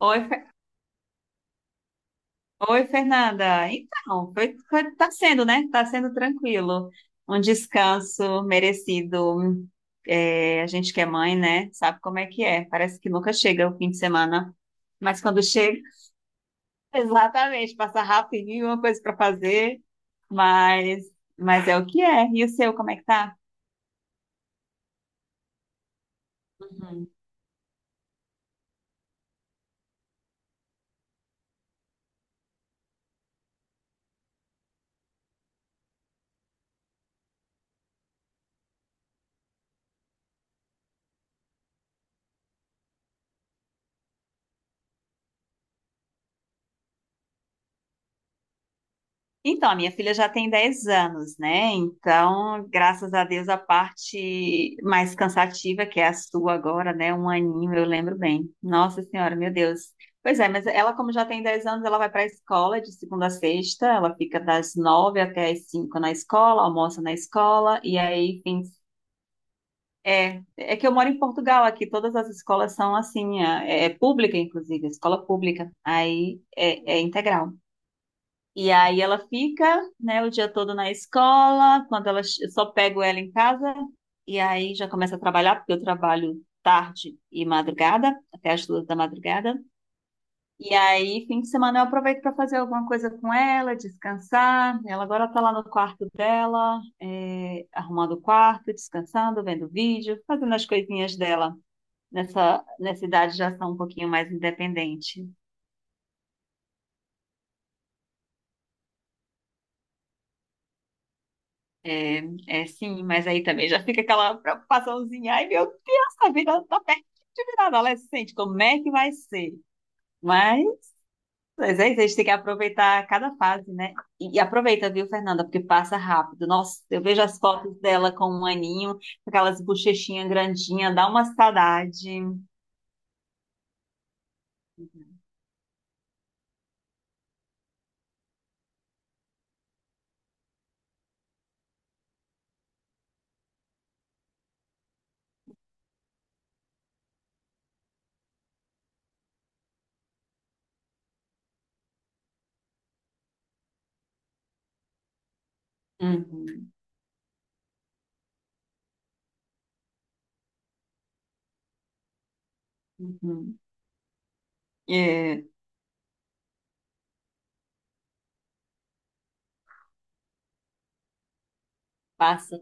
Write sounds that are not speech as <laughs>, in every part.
Oi, Fe- Oi, Fernanda. Então, tá sendo, né? Tá sendo tranquilo. Um descanso merecido. É, a gente que é mãe, né? Sabe como é que é. Parece que nunca chega o fim de semana. Mas quando chega, <laughs> exatamente, passa rapidinho, uma coisa para fazer. Mas, mas é o que é. E o seu, como é que tá? Então, a minha filha já tem 10 anos, né? Então, graças a Deus, a parte mais cansativa, que é a sua agora, né? Um aninho, eu lembro bem. Nossa Senhora, meu Deus. Pois é, mas ela, como já tem 10 anos, ela vai para a escola de segunda a sexta, ela fica das 9h até as 5h na escola, almoça na escola, e aí, enfim. É que eu moro em Portugal, aqui todas as escolas são assim, é pública, inclusive, escola pública, aí é integral. E aí ela fica, né, o dia todo na escola, quando ela eu só pego ela em casa e aí já começa a trabalhar, porque eu trabalho tarde e madrugada, até as 2 da madrugada. E aí, fim de semana eu aproveito para fazer alguma coisa com ela, descansar. Ela agora tá lá no quarto dela, é, arrumando o quarto, descansando, vendo vídeo, fazendo as coisinhas dela. Nessa idade já são um pouquinho mais independente. É, é sim, mas aí também já fica aquela preocupaçãozinha. Ai, meu Deus, a vida tá perto de virar adolescente, como é que vai ser? Mas, mas é isso, a gente tem que aproveitar cada fase, né? E aproveita, viu, Fernanda, porque passa rápido. Nossa, eu vejo as fotos dela com um aninho, com aquelas bochechinhas grandinhas, dá uma saudade. Uhum, uhum. Uhum. É, passa.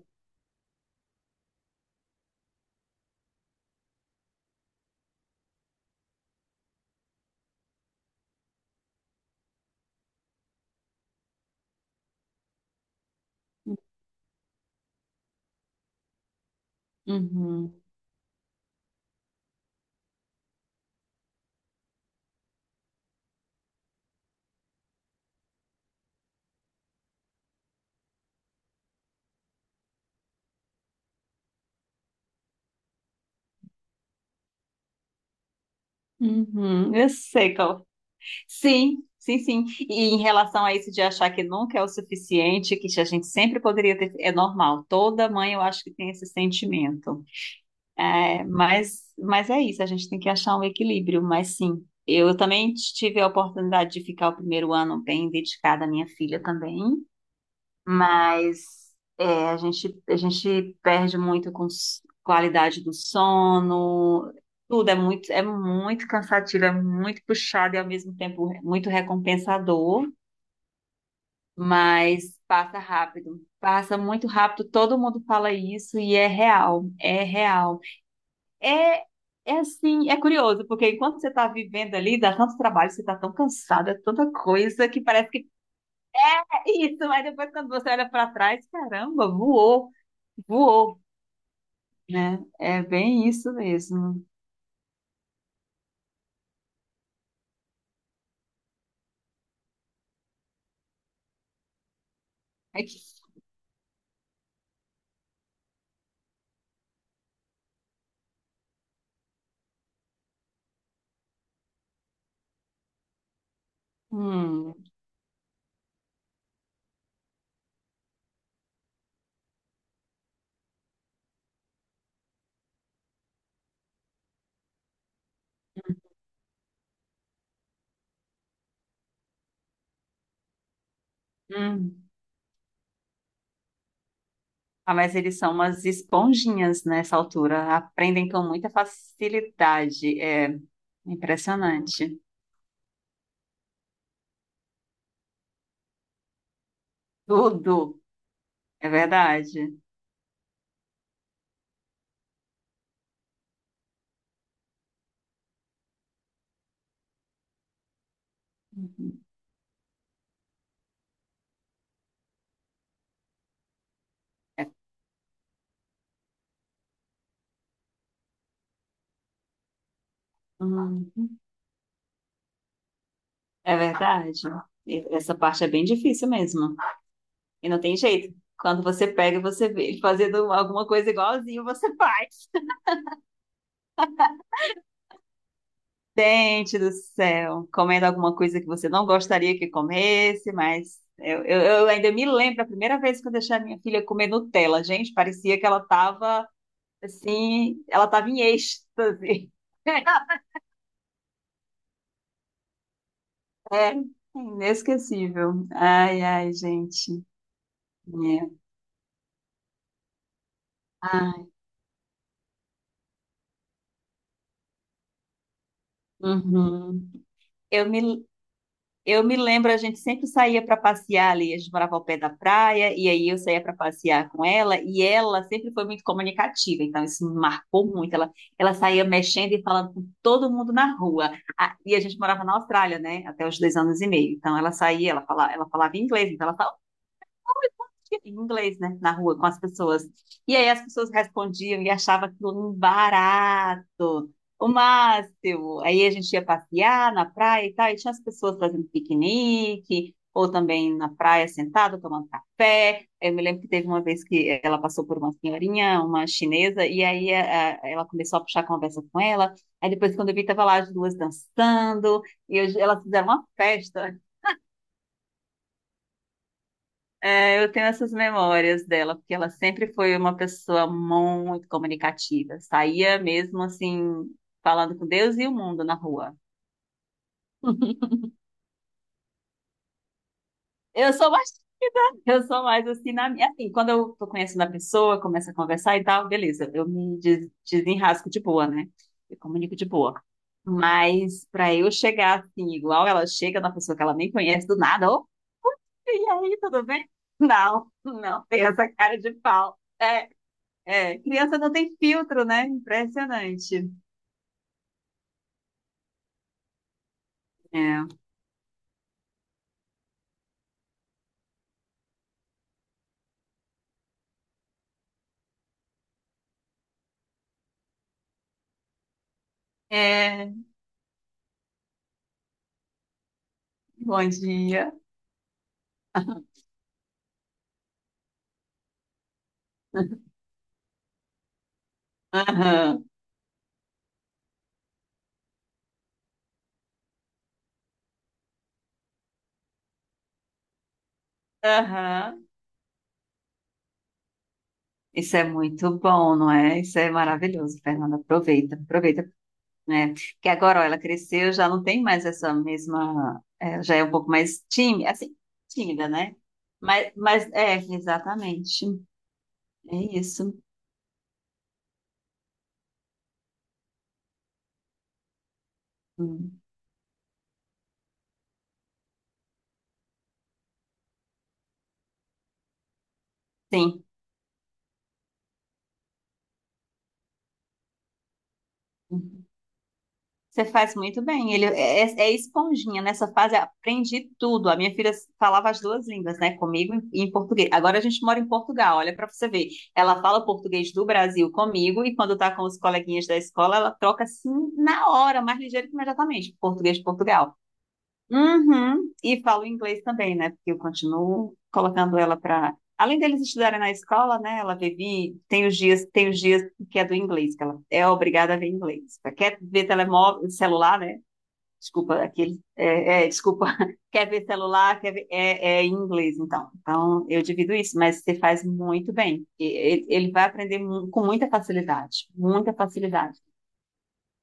Uhum, uhum. Eu sei qual. Sim, sim, sim. E em relação a isso de achar que nunca é o suficiente, que a gente sempre poderia ter, é normal. Toda mãe eu acho que tem esse sentimento. É, mas é isso, a gente tem que achar um equilíbrio, mas sim. Eu também tive a oportunidade de ficar o primeiro ano bem dedicada à minha filha também, mas é, a gente perde muito com qualidade do sono, tudo é muito cansativo, é muito puxado e ao mesmo tempo muito recompensador, mas passa rápido. Passa muito rápido, todo mundo fala isso e é real, é real. É, é assim, é curioso, porque enquanto você está vivendo ali, dá tanto trabalho, você está tão cansada, tanta coisa, que parece que é isso, mas depois quando você olha para trás, caramba, voou, voou, né? É bem isso mesmo. É que... Hum, hum. Ah, mas eles são umas esponjinhas nessa altura. Aprendem com muita facilidade. É impressionante. Tudo. É verdade. Uhum. É, hum, é verdade. E essa parte é bem difícil mesmo. E não tem jeito. Quando você pega, e você vê ele fazendo alguma coisa igualzinho, você faz. Gente do céu, comendo alguma coisa que você não gostaria que comesse, mas eu ainda me lembro a primeira vez que eu deixei a minha filha comer Nutella, gente, parecia que ela estava assim, ela estava em êxtase. <laughs> É, inesquecível. Ai, ai, gente. É. Ai, uhum. Eu me Eu me lembro, a gente sempre saía para passear ali, a gente morava ao pé da praia, e aí eu saía para passear com ela, e ela sempre foi muito comunicativa, então isso me marcou muito. Ela saía mexendo e falando com todo mundo na rua. Ah, e a gente morava na Austrália, né, até os 2 anos e meio. Então ela saía, ela falava, inglês, então ela em inglês, né, na rua com as pessoas. E aí as pessoas respondiam e achava aquilo um barato, o máximo. Aí a gente ia passear na praia e tal, e tinha as pessoas fazendo piquenique, ou também na praia sentada, tomando café. Eu me lembro que teve uma vez que ela passou por uma senhorinha, uma chinesa, e aí ela começou a puxar a conversa com ela. Aí depois, quando eu vi, tava lá as duas dançando, elas fizeram uma festa. É, eu tenho essas memórias dela, porque ela sempre foi uma pessoa muito comunicativa. Saía mesmo assim, falando com Deus e o mundo na rua. <laughs> Eu sou mais tímida, eu sou mais assim na minha. Assim, quando eu tô conhecendo a pessoa, começo a conversar e tal, beleza, eu me desenrasco de boa, né? Eu comunico de boa. Mas para eu chegar assim, igual ela chega na pessoa que ela nem conhece do nada, ô, e aí, tudo bem? <laughs> Não, não, tem essa cara de pau. É. Criança não tem filtro, né? Impressionante. É. É, bom dia. <laughs> Aham, aham. Isso é muito bom, não é? Isso é maravilhoso, Fernanda. Aproveita, aproveita, né? Que agora, ó, ela cresceu, já não tem mais essa mesma, é, já é um pouco mais tímida, assim, tímida, né? Mas é, exatamente. É isso. Hum, sim. Você faz muito bem. Ele é esponjinha. Nessa fase, aprendi tudo. A minha filha falava as duas línguas, né? Comigo e em português. Agora a gente mora em Portugal, olha para você ver. Ela fala português do Brasil comigo e quando tá com os coleguinhas da escola, ela troca assim na hora, mais ligeiro que imediatamente, português de Portugal. Uhum. E falo inglês também, né? Porque eu continuo colocando ela para. Além deles estudarem na escola, né? Ela vive, tem os dias que é do inglês, que ela é obrigada a ver inglês. Quer ver telemóvel, celular, né? Desculpa, aquele, desculpa, <laughs> quer ver celular, quer ver, é em inglês, então. Então, eu divido isso, mas você faz muito bem. Ele vai aprender com muita facilidade, muita facilidade.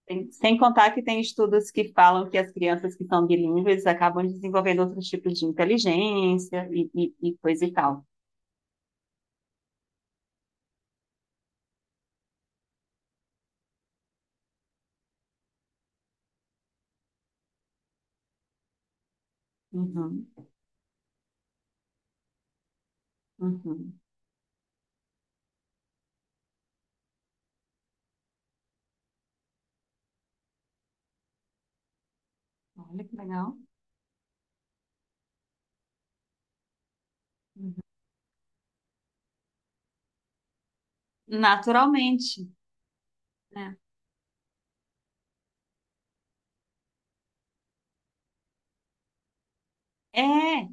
Sem contar que tem estudos que falam que as crianças que são bilíngues acabam desenvolvendo outros tipos de inteligência e coisa e tal. Uhum, uhum. Olha que legal. Naturalmente, né? É,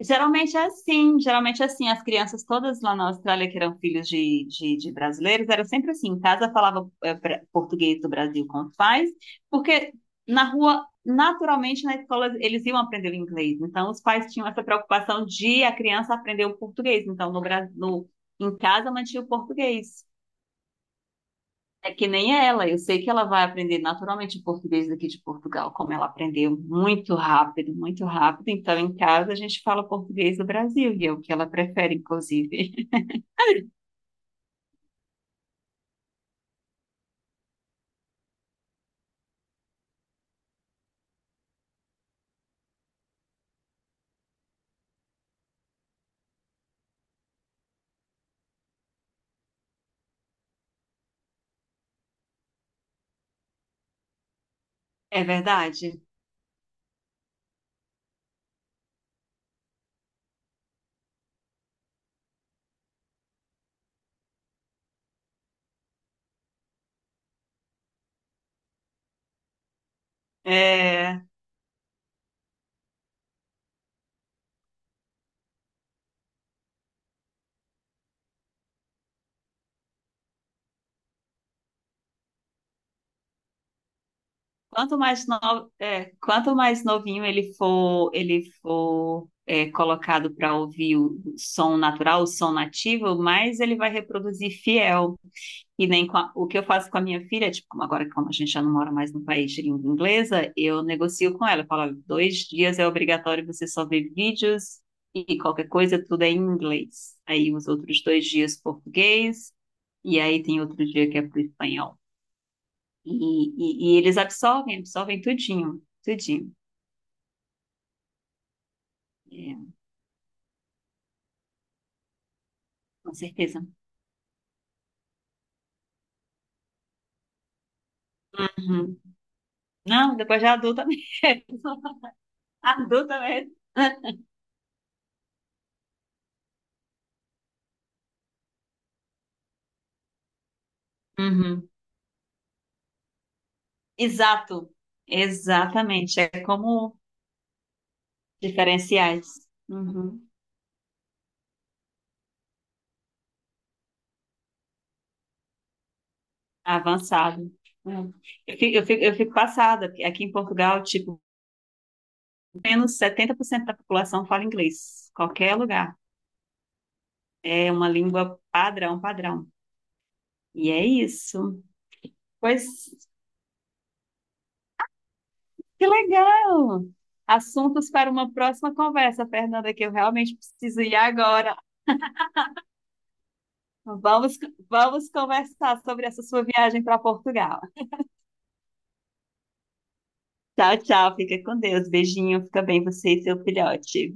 geralmente é assim, geralmente é assim. As crianças todas lá na Austrália que eram filhos de brasileiros, era sempre assim. Em casa falava português do Brasil com os pais, porque na rua, naturalmente, na escola eles iam aprender o inglês. Então, os pais tinham essa preocupação de a criança aprender o português. Então, no, Bra- no, em casa mantinha o português. É que nem ela, eu sei que ela vai aprender naturalmente o português daqui de Portugal, como ela aprendeu muito rápido, muito rápido. Então, em casa, a gente fala português do Brasil, e é o que ela prefere, inclusive. <laughs> É verdade? É, Quanto mais no- é, quanto mais novinho ele for, colocado para ouvir o som natural, o som nativo, mais ele vai reproduzir fiel. E nem com a- o que eu faço com a minha filha, tipo, como agora como a gente já não mora mais no país de língua inglesa, eu negocio com ela. Eu falo, "Olha, 2 dias é obrigatório você só ver vídeos e qualquer coisa, tudo é em inglês. Aí os outros 2 dias português, e aí tem outro dia que é para o espanhol. E eles absorvem, absorvem tudinho, tudinho. É, com certeza. Uhum. Não, depois já adulta mesmo. <laughs> Adulta mesmo. Uhum. Exato. Exatamente. É como diferenciais. Uhum. Avançado. É. Eu fico passada. Porque aqui em Portugal, tipo, menos 70% da população fala inglês. Qualquer lugar. É uma língua padrão, padrão. E é isso. Pois, que legal! Assuntos para uma próxima conversa, Fernanda, que eu realmente preciso ir agora. Vamos, vamos conversar sobre essa sua viagem para Portugal. Tchau, tchau. Fica com Deus. Beijinho. Fica bem você e seu filhote.